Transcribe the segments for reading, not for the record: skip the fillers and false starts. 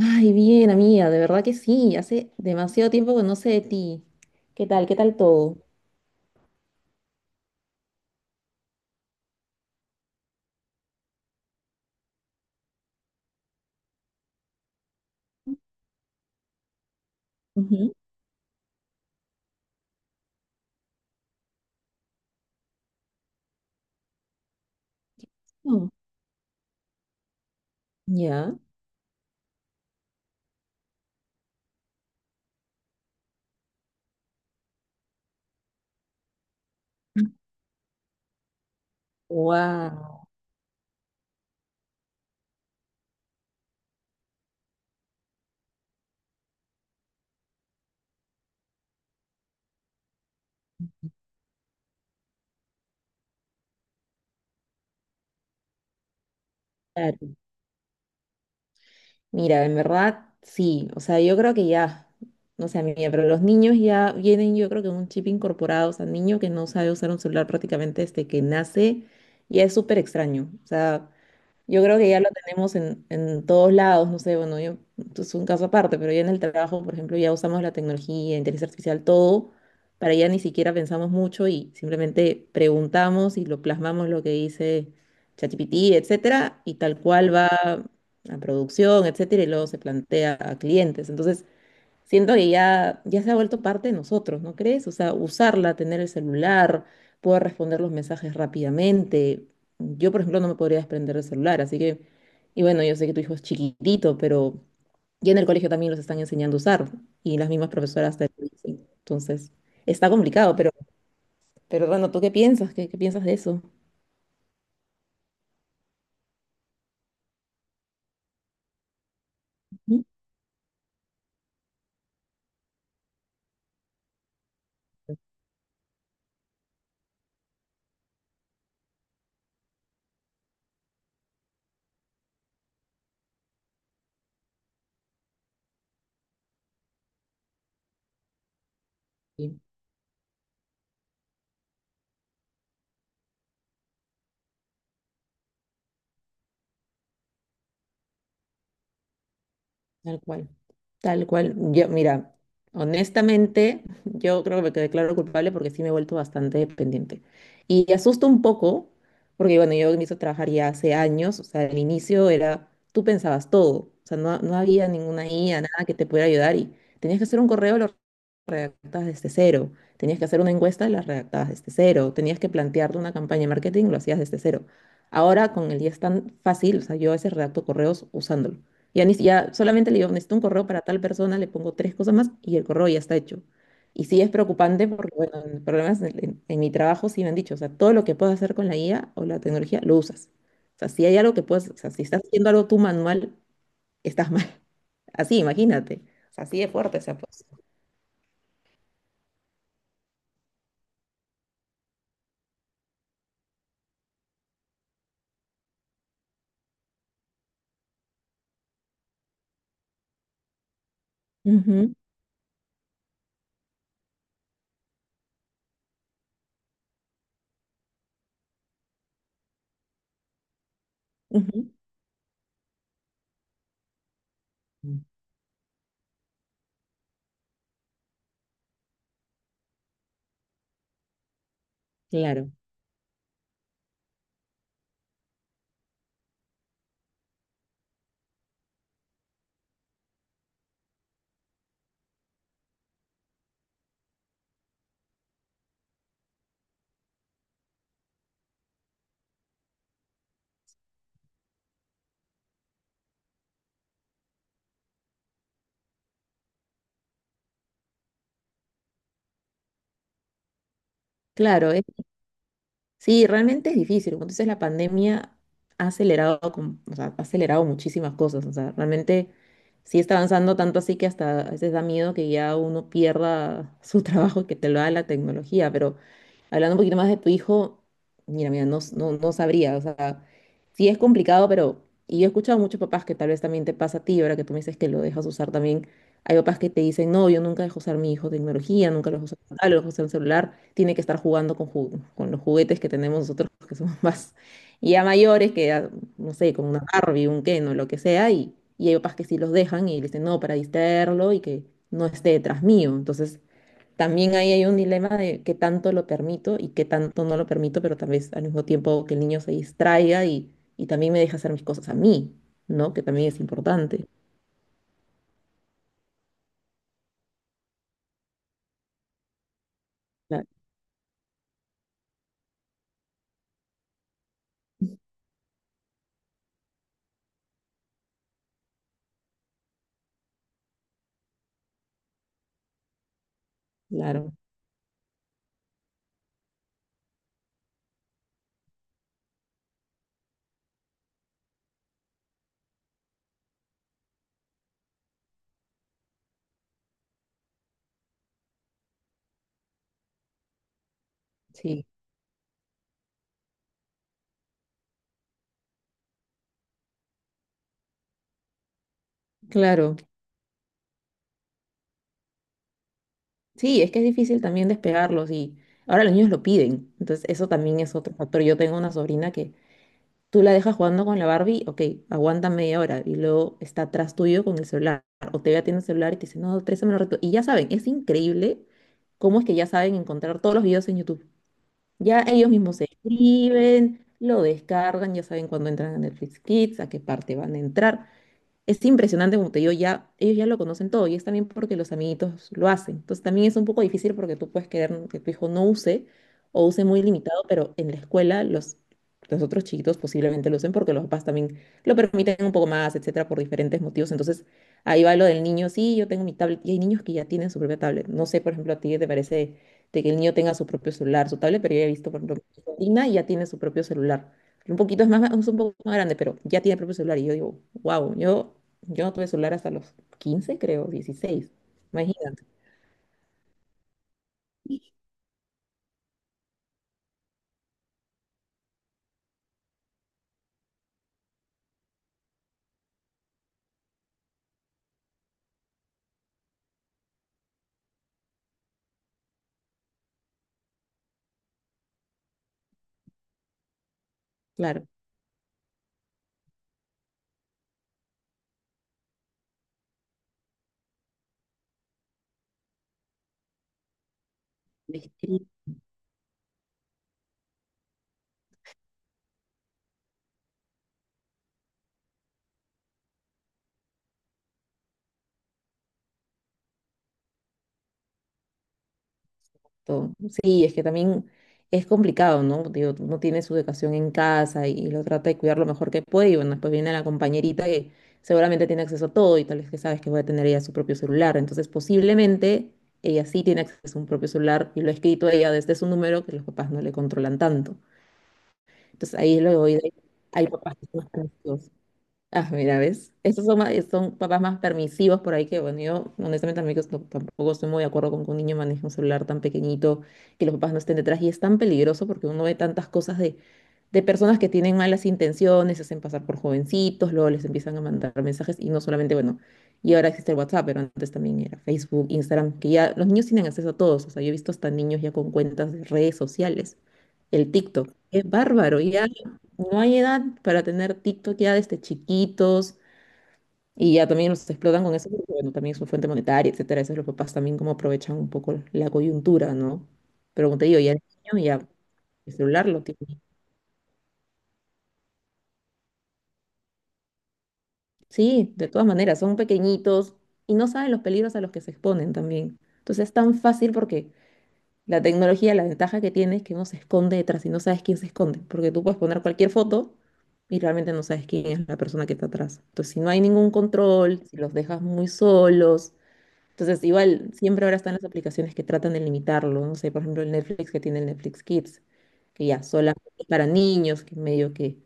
Ay, bien, amiga, de verdad que sí, hace demasiado tiempo que no sé de ti. ¿Qué tal? ¿Qué tal todo? Ujú. Mm. ¿Ya? Wow, claro. Mira, en verdad sí, o sea, yo creo que ya, no sé, amiga, pero los niños ya vienen, yo creo que un chip incorporado, o sea, niño que no sabe usar un celular prácticamente desde que nace, ya es súper extraño, o sea. Yo creo que ya lo tenemos en todos lados, no sé, bueno, yo, esto es un caso aparte, pero ya en el trabajo, por ejemplo, ya usamos la tecnología, inteligencia artificial, todo, para ya ni siquiera pensamos mucho y simplemente preguntamos y lo plasmamos lo que dice ChatGPT, etcétera, y tal cual va a producción, etcétera, y luego se plantea a clientes. Entonces, siento que ya, ya se ha vuelto parte de nosotros, ¿no crees? O sea, usarla, tener el celular, poder responder los mensajes rápidamente. Yo, por ejemplo, no me podría desprender del celular, así que, y bueno, yo sé que tu hijo es chiquitito, pero ya en el colegio también los están enseñando a usar y las mismas profesoras te lo dicen. Entonces, está complicado, pero bueno, ¿tú qué piensas? ¿Qué piensas de eso? Ujú. Sí. Tal cual, tal cual. Yo, mira, honestamente, yo creo que me declaro culpable porque sí me he vuelto bastante dependiente. Y asusta un poco, porque bueno, yo empiezo a trabajar ya hace años, o sea, al inicio era, tú pensabas todo, o sea, no, no había ninguna IA, nada que te pudiera ayudar y tenías que hacer un correo, lo redactabas desde cero, tenías que hacer una encuesta, la redactabas desde cero, tenías que plantearte una campaña de marketing, lo hacías desde cero. Ahora con el día es tan fácil, o sea, yo a veces redacto correos usándolo. Ya, ni- si, ya solamente le digo, necesito un correo para tal persona, le pongo tres cosas más y el correo ya está hecho. Y sí es preocupante porque, bueno, en problemas en mi trabajo sí me han dicho, o sea, todo lo que puedas hacer con la IA o la tecnología, lo usas. O sea, si hay algo que puedes, o sea, si estás haciendo algo tú manual, estás mal. Así, imagínate. O sea, así de fuerte se ha puesto. Ujú, ujú. Mm. Claro, claro, es sí, realmente es difícil. Como tú dices, la pandemia ha acelerado, o sea, ha acelerado muchísimas cosas. O sea, realmente sí está avanzando tanto así que hasta a veces da miedo que ya uno pierda su trabajo y que te lo da la tecnología. Pero hablando un poquito más de tu hijo, mira, mira, no, sabría. O sea, sí es complicado, pero. Y yo he escuchado a muchos papás que tal vez también te pasa a ti, ahora que tú me dices que lo dejas usar también. Hay papás que te dicen, no, yo nunca dejo usar mi hijo tecnología, nunca lo dejo usar, ah, lo dejo usar el celular, tiene que estar jugando con, con los juguetes que tenemos nosotros, que somos más y ya mayores, que ya, no sé, con una Barbie, un Ken o lo que sea, y hay papás que sí los dejan y le dicen, no, para distraerlo y que no esté detrás mío. Entonces, también ahí hay un dilema de qué tanto lo permito y qué tanto no lo permito, pero tal vez al mismo tiempo que el niño se distraiga y también me deja hacer mis cosas a mí, ¿no? Que también es importante. Cla- Claro, sí. Claro, sí, es que es difícil también despegarlos y ahora los niños lo piden, entonces eso también es otro factor. Yo tengo una sobrina que tú la dejas jugando con la Barbie, ok, aguanta media hora y luego está atrás tuyo con el celular o te ve atiendo el celular y te dice, no, préstame un rato. Y ya saben, es increíble cómo es que ya saben encontrar todos los videos en YouTube. Ya ellos mismos se escriben, lo descargan, ya saben cuándo entran a Netflix Kids, a qué parte van a entrar. Es impresionante, como te digo, ya, ellos ya lo conocen todo y es también porque los amiguitos lo hacen. Entonces también es un poco difícil porque tú puedes querer que tu hijo no use o use muy limitado, pero en la escuela los otros chiquitos posiblemente lo usen porque los papás también lo permiten un poco más, etcétera, por diferentes motivos. Entonces ahí va lo del niño, sí, yo tengo mi tablet y hay niños que ya tienen su propia tablet. No sé, por ejemplo, a ti qué te parece de que el niño tenga su propio celular, su tablet, pero yo he visto, por ejemplo, mi sobrina y ya tiene su propio celular. Un poquito es más, es un poco más grande, pero ya tiene propio celular. Y yo digo, wow, yo no tuve celular hasta los 15, creo, 16. Imagínate, claro, distinto. Sí, es que también es complicado, ¿no? Digo, no tiene su educación en casa y, lo trata de cuidar lo mejor que puede. Y bueno, después viene la compañerita que seguramente tiene acceso a todo y tal vez que sabes que va a tener ella su propio celular. Entonces, posiblemente ella sí tiene acceso a un propio celular y lo ha escrito ella desde su número que los papás no le controlan tanto. Entonces ahí lo voy de- hay papás que son más permisivos. Ah, mira, ¿ves? Estos son, más- son papás más permisivos por ahí que, bueno, yo honestamente amigos no- tampoco estoy muy de acuerdo con que un niño maneje un celular tan pequeñito, que los papás no estén detrás. Y es tan peligroso porque uno ve tantas cosas de, personas que tienen malas intenciones, se hacen pasar por jovencitos, luego les empiezan a mandar mensajes y no solamente, bueno, y ahora existe el WhatsApp, pero antes también era Facebook, Instagram, que ya los niños tienen acceso a todos. O sea, yo he visto hasta niños ya con cuentas de redes sociales, el TikTok. Es bárbaro, ya no hay edad para tener TikTok ya desde chiquitos y ya también los explotan con eso, porque bueno, también es una fuente monetaria, etcétera. Eso los papás también como aprovechan un poco la coyuntura, ¿no? Pero como te digo, ya el niño ya el celular lo tiene. Sí, de todas maneras, son pequeñitos y no saben los peligros a los que se exponen también. Entonces es tan fácil porque la tecnología, la ventaja que tiene es que no se esconde detrás y no sabes quién se esconde, porque tú puedes poner cualquier foto y realmente no sabes quién es la persona que está atrás. Entonces, si no hay ningún control, si los dejas muy solos, entonces igual siempre ahora están las aplicaciones que tratan de limitarlo, no sé, por ejemplo, el Netflix que tiene el Netflix Kids, que ya solamente para niños, que medio que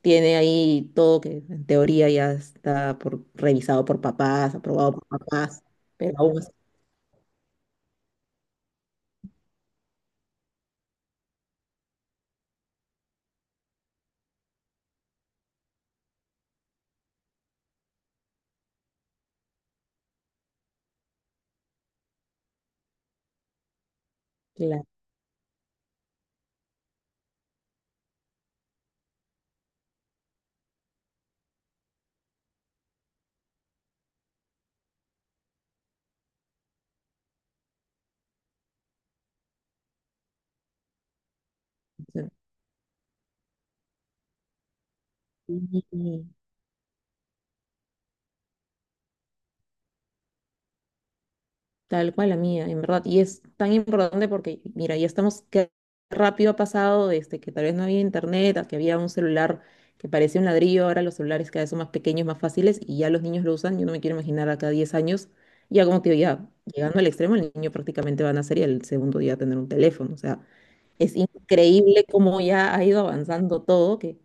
tiene ahí todo que en teoría ya está por, revisado por papás, aprobado por papás, pero aún así, claro. Sí. Tal cual la mía, en verdad. Y es tan importante porque, mira, ya estamos, qué rápido ha pasado desde que tal vez no había internet, a que había un celular que parecía un ladrillo, ahora los celulares cada vez son más pequeños, más fáciles y ya los niños lo usan. Yo no me quiero imaginar acá 10 años, ya como te digo, ya llegando al extremo, el niño prácticamente va a nacer y el segundo día va a tener un teléfono. O sea, es increíble cómo ya ha ido avanzando todo, que,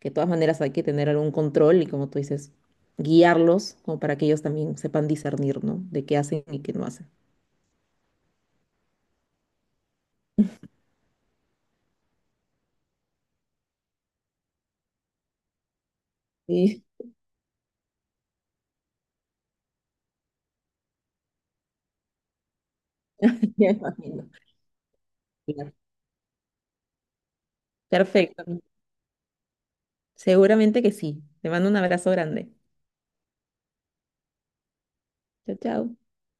que de todas maneras hay que tener algún control y como tú dices, guiarlos como para que ellos también sepan discernir, ¿no? De qué hacen y qué no hacen. Sí, ya imagino. Claro. Perfecto. Seguramente que sí. Te mando un abrazo grande. Chao, chao.